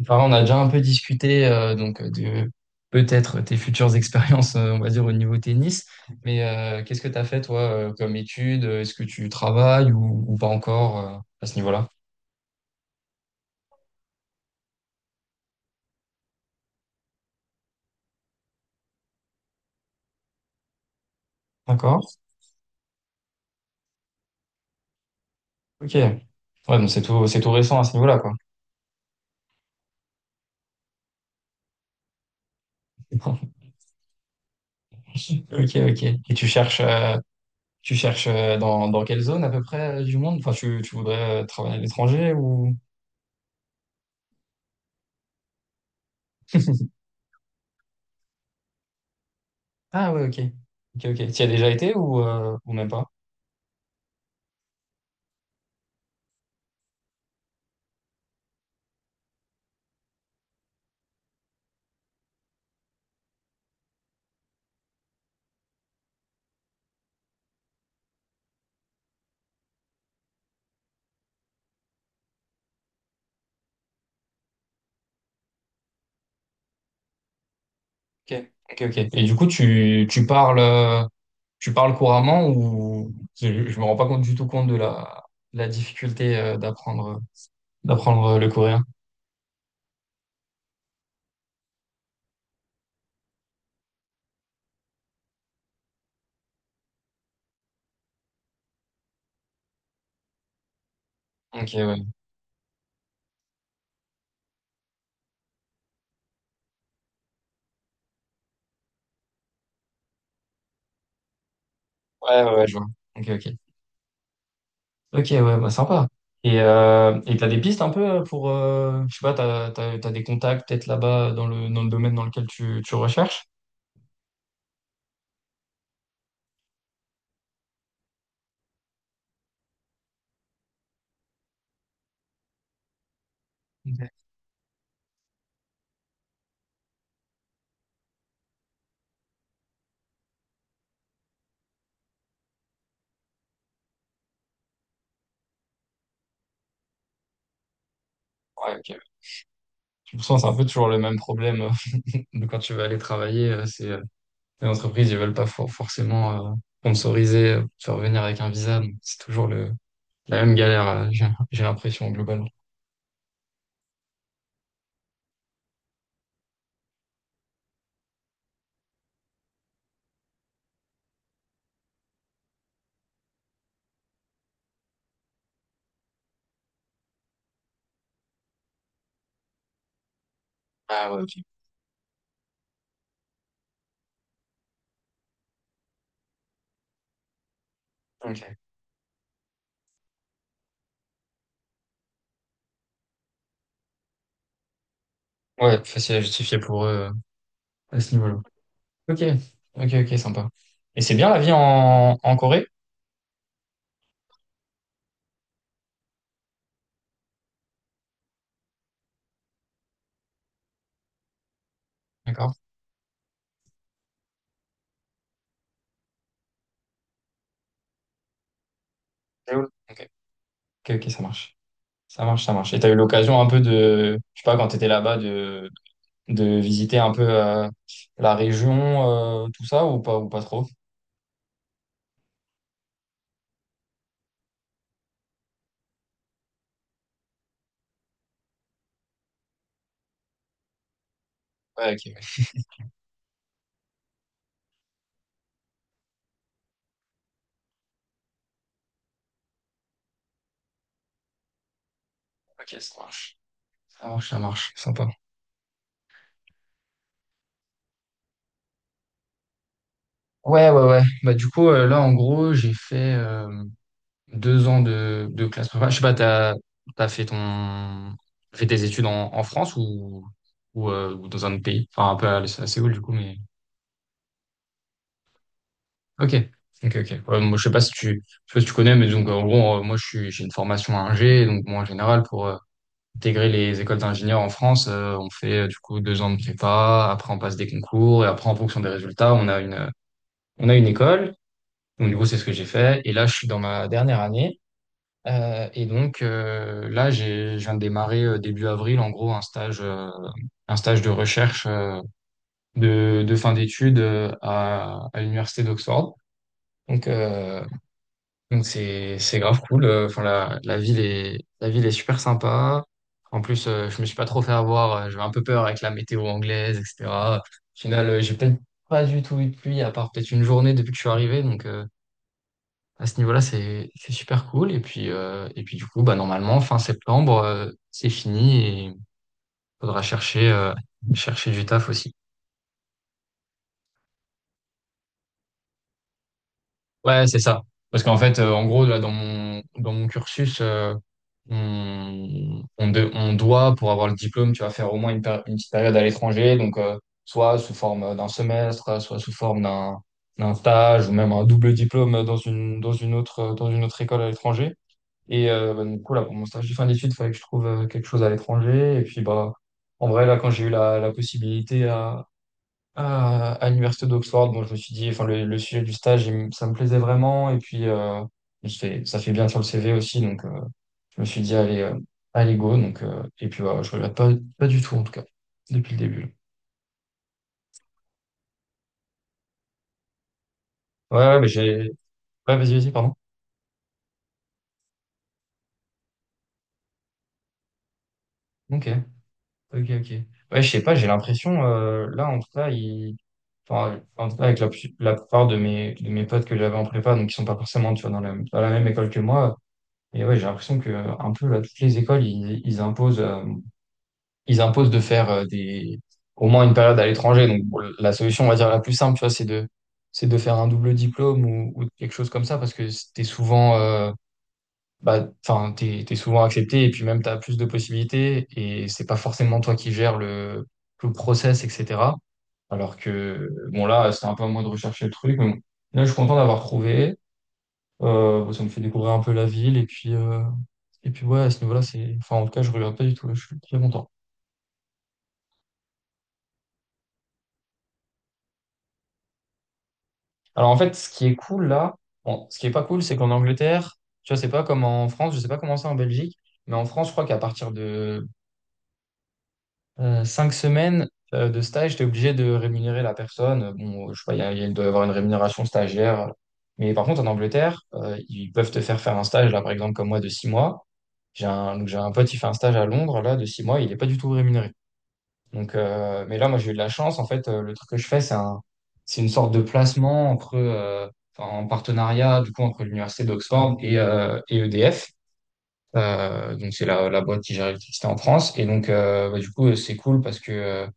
Enfin, on a déjà un peu discuté donc de peut-être tes futures expériences, on va dire, au niveau tennis. Mais qu'est-ce que tu as fait, toi, comme étude? Est-ce que tu travailles ou pas encore à ce niveau-là? D'accord. Ok. Ouais, donc c'est tout récent à ce niveau-là, quoi. Ok, ok. Et tu cherches dans, dans quelle zone à peu près du monde? Enfin, tu voudrais travailler à l'étranger ou... Ah ouais, ok. Ok, ok. Tu y as déjà été ou même pas? Ok, ok, ok. Et du coup, tu parles... Tu parles couramment ou je me rends pas compte du tout compte de la difficulté d'apprendre le coréen. Ok, ouais. Ouais, ouais, ouais, je vois. Ok, ok. Ok, ouais, bah sympa. Et t'as des pistes un peu pour, je sais pas, t'as, t'as, t'as des contacts peut-être là-bas dans le domaine dans lequel tu, tu recherches? Ok. Ouais, ok. De toute façon, c'est un peu toujours le même problème de quand tu vas aller travailler. C'est, les entreprises, ils veulent pas forcément sponsoriser, te faire venir avec un visa. Donc c'est toujours le, la même galère, j'ai l'impression, globalement. Ah ouais, ok. Ok. Ouais, facile à justifier pour eux à ce niveau-là. Ok, ok, ok, sympa. Et c'est bien la vie en, en Corée? D'accord. Séoul. Ok, ok, ok, ça marche. Ça marche, ça marche. Et t'as eu l'occasion un peu de, je sais pas, quand t'étais là-bas, de visiter un peu la région, tout ça, ou pas trop? Ouais, ok, ouais. Ok, ça marche. Ça marche, ça marche. Sympa. Ouais, ouais, ouais. Bah, du coup, là, en gros, j'ai fait. Deux ans de classe prépa. Je sais pas, t'as, t'as fait ton, t'as fait tes études en, en France ou dans un autre pays? Enfin, un peu à Séoul, du coup, mais. Ok. Ok, ok. Ouais, moi, je sais pas si tu, je sais pas si tu connais, mais donc, en gros, moi, je suis, j'ai une formation Ingé, donc, moi, en général, pour intégrer les écoles d'ingénieurs en France, on fait, du coup, deux ans de prépa, après, on passe des concours, et après, en fonction des résultats, on a une école. Donc, du coup, c'est ce que j'ai fait. Et là, je suis dans ma dernière année. Et donc là, j'ai, je viens de démarrer début avril, en gros, un stage de recherche de fin d'études à l'université d'Oxford. Donc, euh, donc c'est grave cool. Enfin, la, la ville est super sympa. En plus, je me suis pas trop fait avoir. J'avais un peu peur avec la météo anglaise, etc. Au final, j'ai peut-être pas du tout eu de pluie, à part peut-être une journée depuis que je suis arrivé. Donc, à ce niveau-là, c'est super cool. Et puis du coup, bah, normalement, fin septembre, c'est fini et il faudra chercher, chercher du taf aussi. Ouais, c'est ça. Parce qu'en fait, en gros, là, dans mon cursus, on, on doit, pour avoir le diplôme, tu vas faire au moins une, une petite période à l'étranger. Donc, soit sous forme d'un semestre, soit sous forme d'un d'un stage ou même un double diplôme dans une autre école à l'étranger. Et bah, du coup, là, pour mon stage de fin d'études, il fallait que je trouve quelque chose à l'étranger. Et puis, bah, en vrai, là, quand j'ai eu la, la possibilité à l'université d'Oxford, bon, je me suis dit, enfin, le sujet du stage, ça me plaisait vraiment. Et puis, ça fait bien sur le CV aussi. Donc, je me suis dit, allez, allez, go. Donc, et puis, bah, je regrette pas, pas du tout, en tout cas, depuis le début. Ouais, ouais, mais j'ai. Ouais, vas-y, vas-y, pardon. Ok, ok, ok. Ouais, je sais pas, j'ai l'impression, là, en tout cas, il enfin, en tout cas avec la, la plupart de mes potes que j'avais en prépa, donc qui sont pas forcément, tu vois, dans la même école que moi. Et ouais, j'ai l'impression que un peu là, toutes les écoles, ils, ils imposent de faire des, au moins une période à l'étranger. Donc bon, la solution, on va dire la plus simple, tu vois, c'est de faire un double diplôme ou quelque chose comme ça, parce que c'était souvent, bah, enfin, t'es, t'es souvent accepté et puis même t'as plus de possibilités et c'est pas forcément toi qui gères le process, etc. Alors que, bon, là, c'est un peu à moi de rechercher le truc. Mais bon. Là, je suis content d'avoir trouvé. Bon, ça me fait découvrir un peu la ville et puis ouais, à ce niveau-là, c'est, enfin, en tout cas, je regrette pas du tout. Là, je suis très content. Alors, en fait, ce qui est cool là, bon, ce qui est pas cool, c'est qu'en Angleterre, tu vois, c'est pas comme en France, je sais pas comment c'est en Belgique, mais en France, je crois qu'à partir de cinq semaines de stage, tu es obligé de rémunérer la personne. Bon, je sais pas, il doit y avoir une rémunération stagiaire. Mais par contre, en Angleterre, ils peuvent te faire faire un stage, là, par exemple, comme moi, de six mois. J'ai un, donc j'ai un pote, il fait un stage à Londres, là, de six mois, il n'est pas du tout rémunéré. Donc, mais là, moi, j'ai eu de la chance. En fait, le truc que je fais, c'est un, c'est une sorte de placement entre, enfin, en partenariat, du coup, entre l'Université d'Oxford et EDF. Donc, c'est la, la boîte qui gère l'électricité en France. Et donc, bah, du coup, c'est cool parce que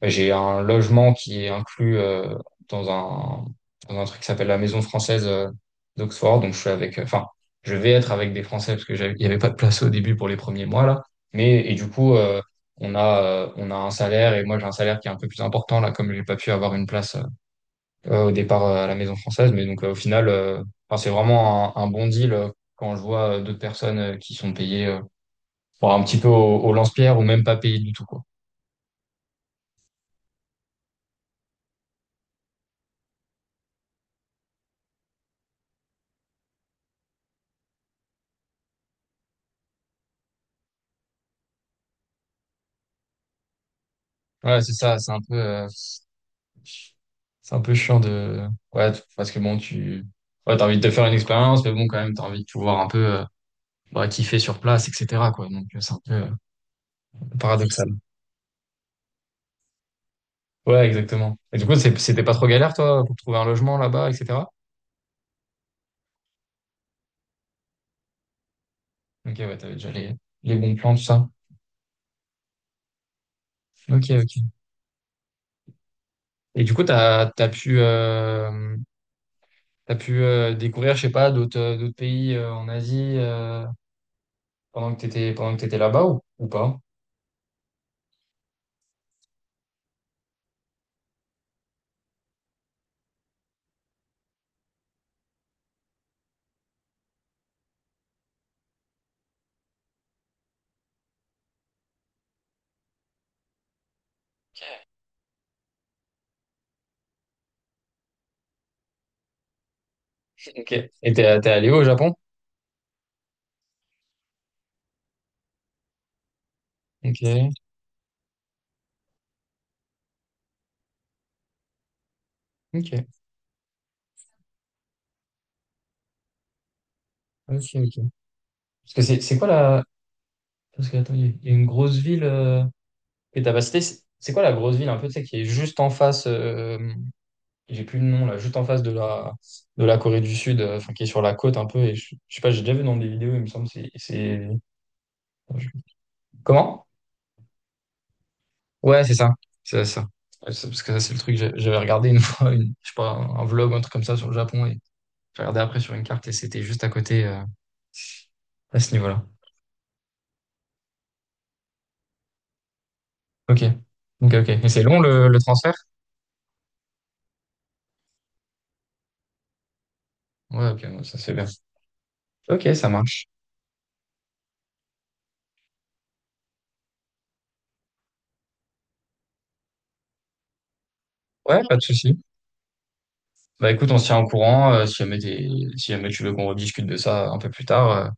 bah, j'ai un logement qui est inclus dans un, dans un truc qui s'appelle la Maison française d'Oxford. Donc je suis avec, enfin, je vais être avec des Français parce que il n'y avait pas de place au début pour les premiers mois là. Mais et du coup, on a un salaire et moi j'ai un salaire qui est un peu plus important là, comme j'ai pas pu avoir une place au départ à la Maison française. Mais donc au final, enfin, c'est vraiment un bon deal quand je vois d'autres personnes qui sont payées bon, un petit peu au, au lance-pierre ou même pas payées du tout quoi. Voilà, c'est ça, c'est un peu. C'est un peu chiant de... Ouais, parce que bon, tu... Ouais, t'as envie de te faire une expérience, mais bon, quand même, t'as envie de pouvoir un peu bah, kiffer sur place, etc., quoi. Donc, c'est un peu paradoxal. Ouais, exactement. Et du coup, c'était pas trop galère, toi, pour trouver un logement là-bas, etc. Ok, ouais, t'avais déjà les bons plans, tout ça. Ok, ok. Et du coup, t'as, t'as pu découvrir, je sais pas, d'autres d'autres pays en Asie pendant que t'étais là-bas ou pas? Ok. Et t'es, t'es allé au Japon? Ok. Ok. Ok, ok. Parce que c'est quoi la. Parce que, attends, il y a une grosse ville que t'as pas citée. C'est quoi la grosse ville un peu, tu sais, qui est juste en face, j'ai plus le nom là, juste en face de la Corée du Sud, enfin qui est sur la côte un peu. Et je sais pas, j'ai déjà vu dans des vidéos, il me semble. Je- Comment? Ouais, c'est ça. C'est ça. Ouais, parce que ça, c'est le truc, j'avais regardé une fois, une, je sais pas, un vlog, un truc comme ça sur le Japon. Et j'ai regardé après sur une carte et c'était juste à côté, à ce niveau-là. Ok. Ok, ok. Et c'est long le transfert? Ouais, ok, ouais, ça c'est bien. Ok, ça marche. Ouais, pas de souci. Bah écoute, on se tient au courant. Si jamais tu veux qu'on rediscute de ça un peu plus tard,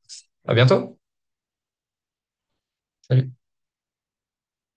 à bientôt. Salut.